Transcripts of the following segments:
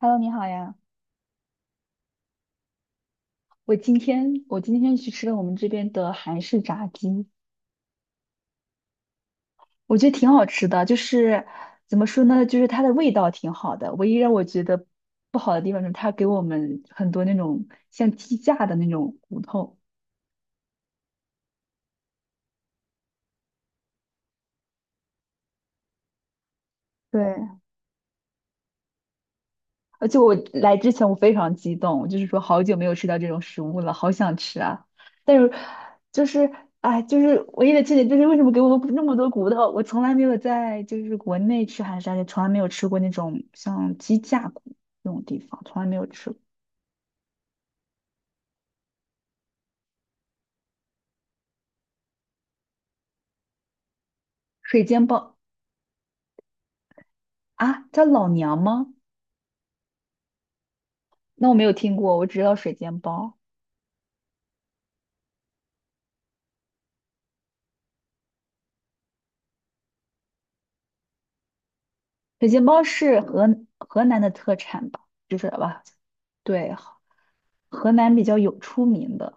Hello，你好呀！我今天去吃了我们这边的韩式炸鸡，我觉得挺好吃的。就是怎么说呢，就是它的味道挺好的。唯一让我觉得不好的地方就是它给我们很多那种像鸡架的那种骨头。对，而且我来之前我非常激动，我就是说好久没有吃到这种食物了，好想吃啊！但是就是哎，就是唯一的缺点就是为什么给我那么多骨头？我从来没有在就是国内吃韩式沙爹，也从来没有吃过那种像鸡架骨那种地方，从来没有吃过水煎包啊，叫老娘吗？那我没有听过，我只知道水煎包。水煎包是河南的特产吧？就是吧？对，河南比较有出名的。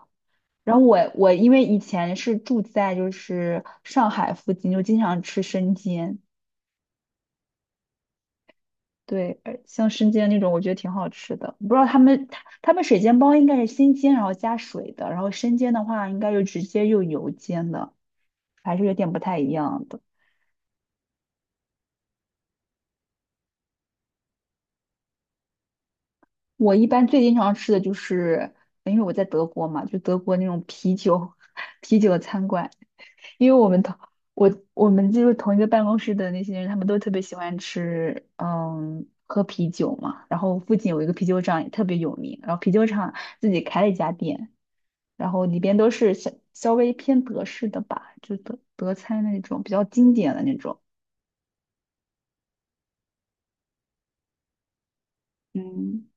然后我因为以前是住在就是上海附近，就经常吃生煎，对，像生煎那种我觉得挺好吃的。不知道他们水煎包应该是先煎然后加水的，然后生煎的话应该就直接用油煎的，还是有点不太一样的。我一般最经常吃的就是，因为我在德国嘛，就德国那种啤酒 啤酒餐馆，因为我们就是同一个办公室的那些人，他们都特别喜欢吃，喝啤酒嘛。然后附近有一个啤酒厂也特别有名，然后啤酒厂自己开了一家店，然后里边都是稍微偏德式的吧，就德餐那种比较经典的那种，嗯，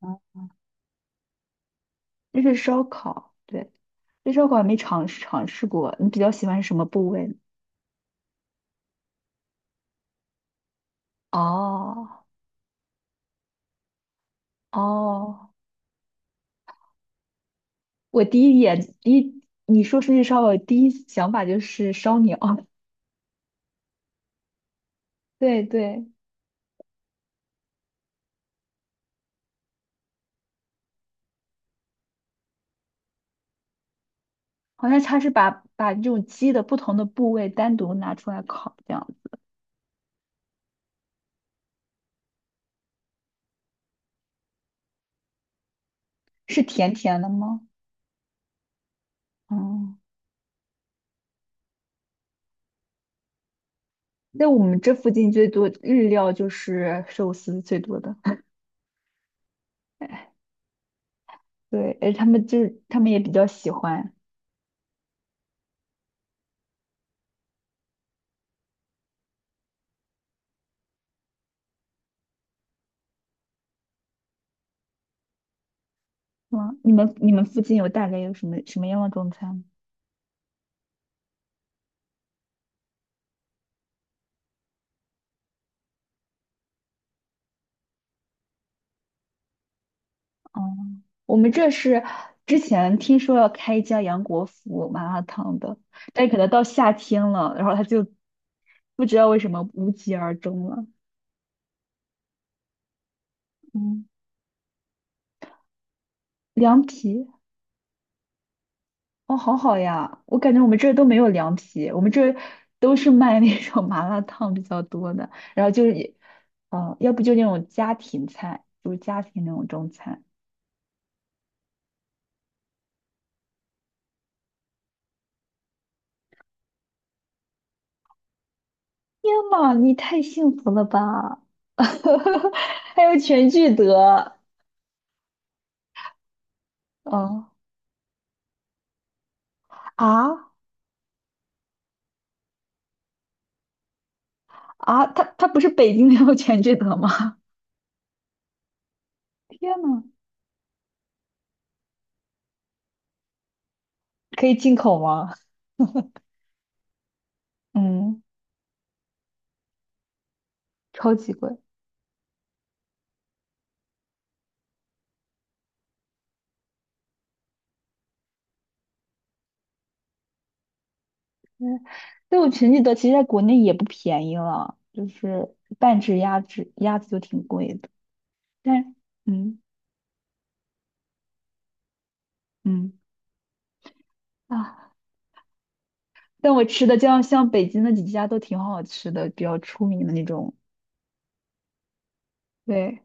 啊，日式烧烤，对，日式烧烤还没尝试过。你比较喜欢什么部位？哦，哦，我第一眼第一，你说出去烧烤，我第一想法就是烧鸟。对对，好像它是把这种鸡的不同的部位单独拿出来烤，这样是甜甜的吗？哦，在我们这附近最多日料就是寿司最多的。对，而他们也比较喜欢。嗯，你们附近有大概有什么什么样的中餐？哦，我们这是之前听说要开一家杨国福麻辣烫的，但可能到夏天了，然后他就不知道为什么无疾而终了。嗯，凉皮，哦，好好呀，我感觉我们这儿都没有凉皮，我们这儿都是卖那种麻辣烫比较多的，然后就是也，呃，要不就那种家庭菜，就是家庭那种中餐。天呐，你太幸福了吧！还有全聚德，哦，啊。啊，它不是北京的有全聚德吗？天呐，可以进口吗？嗯，超级贵。嗯，但我全聚德其实在国内也不便宜了，就是半只鸭子，鸭子就挺贵的。但嗯嗯啊，但我吃的这样像北京那几家都挺好吃的，比较出名的那种，对，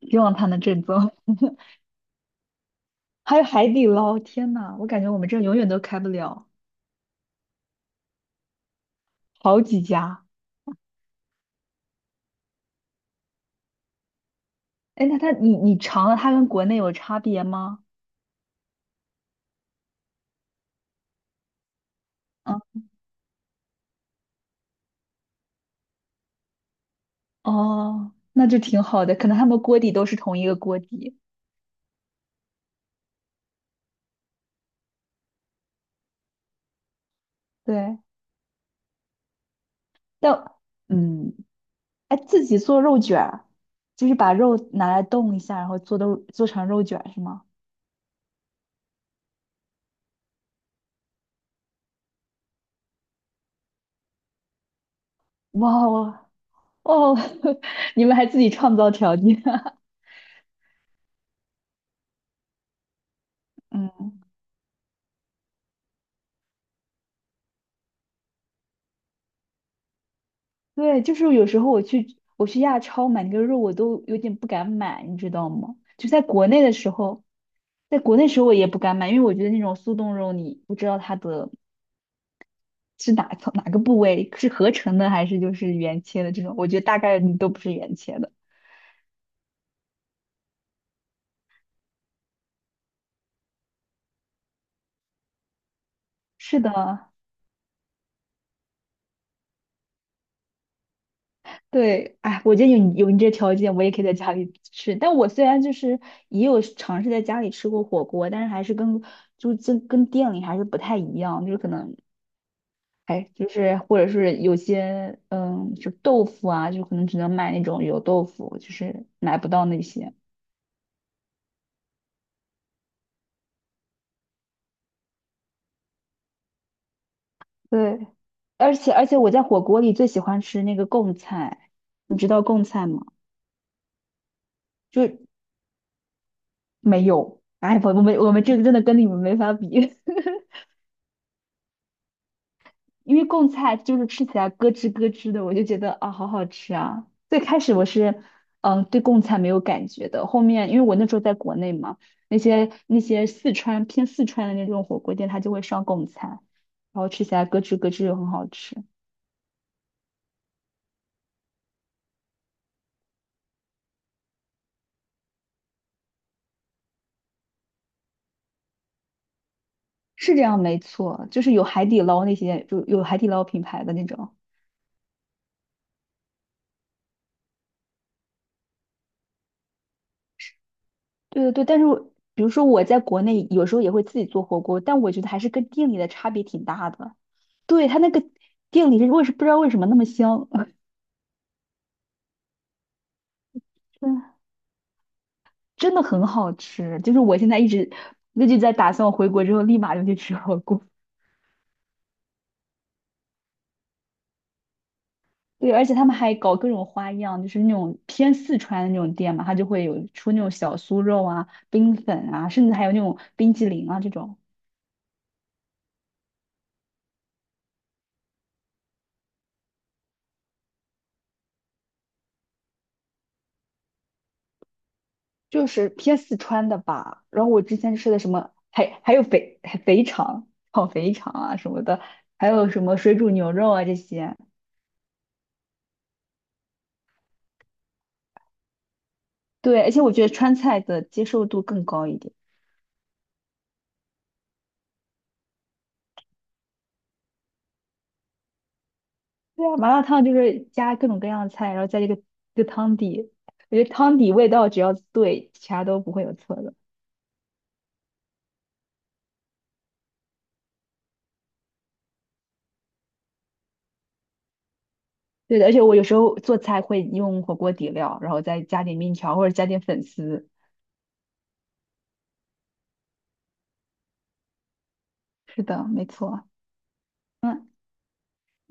希望它能正宗。还有海底捞，天呐，我感觉我们这永远都开不了，好几家。哎，那它你尝了，它跟国内有差别吗？嗯。哦，那就挺好的，可能他们锅底都是同一个锅底。对，但嗯，哎，自己做肉卷儿，就是把肉拿来冻一下，做成肉卷儿是吗？哇哦，哦 你们还自己创造条件啊。嗯，对，就是有时候我去亚超买那个肉，我都有点不敢买，你知道吗？就在国内的时候，在国内时候我也不敢买，因为我觉得那种速冻肉，你不知道它的是哪个部位？是合成的还是就是原切的这种？我觉得大概率都不是原切的。是的，对，哎，我觉得有你这条件，我也可以在家里吃。但我虽然就是也有尝试在家里吃过火锅，但是还是跟跟店里还是不太一样，就是可能哎，就是或者是有些就豆腐啊，就可能只能买那种油豆腐，就是买不到那些。对，而且我在火锅里最喜欢吃那个贡菜，你知道贡菜吗？就没有。哎，我们这个真的跟你们没法比，因为贡菜就是吃起来咯吱咯吱的，我就觉得啊，好好吃啊。最开始我是嗯对贡菜没有感觉的，后面因为我那时候在国内嘛，那些四川偏四川的那种火锅店，它就会上贡菜，然后吃起来咯吱咯吱又很好吃，是这样没错，就是有海底捞那些，就有海底捞品牌的那种。对对对，但是比如说我在国内有时候也会自己做火锅，但我觉得还是跟店里的差别挺大的。对，它那个店里是不知道为什么那么香，真真的很好吃。就是我现在一直在打算，我回国之后立马就去吃火锅。对，而且他们还搞各种花样，就是那种偏四川的那种店嘛，它就会有出那种小酥肉啊、冰粉啊，甚至还有那种冰激凌啊这种。就是偏四川的吧。然后我之前吃的什么，还有肥肠、炒肥肠啊什么的，还有什么水煮牛肉啊这些。对，而且我觉得川菜的接受度更高一点。对啊，麻辣烫就是加各种各样的菜，然后加这个汤底，我觉得汤底味道只要对，其他都不会有错的。对的，而且我有时候做菜会用火锅底料，然后再加点面条或者加点粉丝。是的，没错。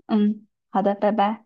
嗯，好的，拜拜。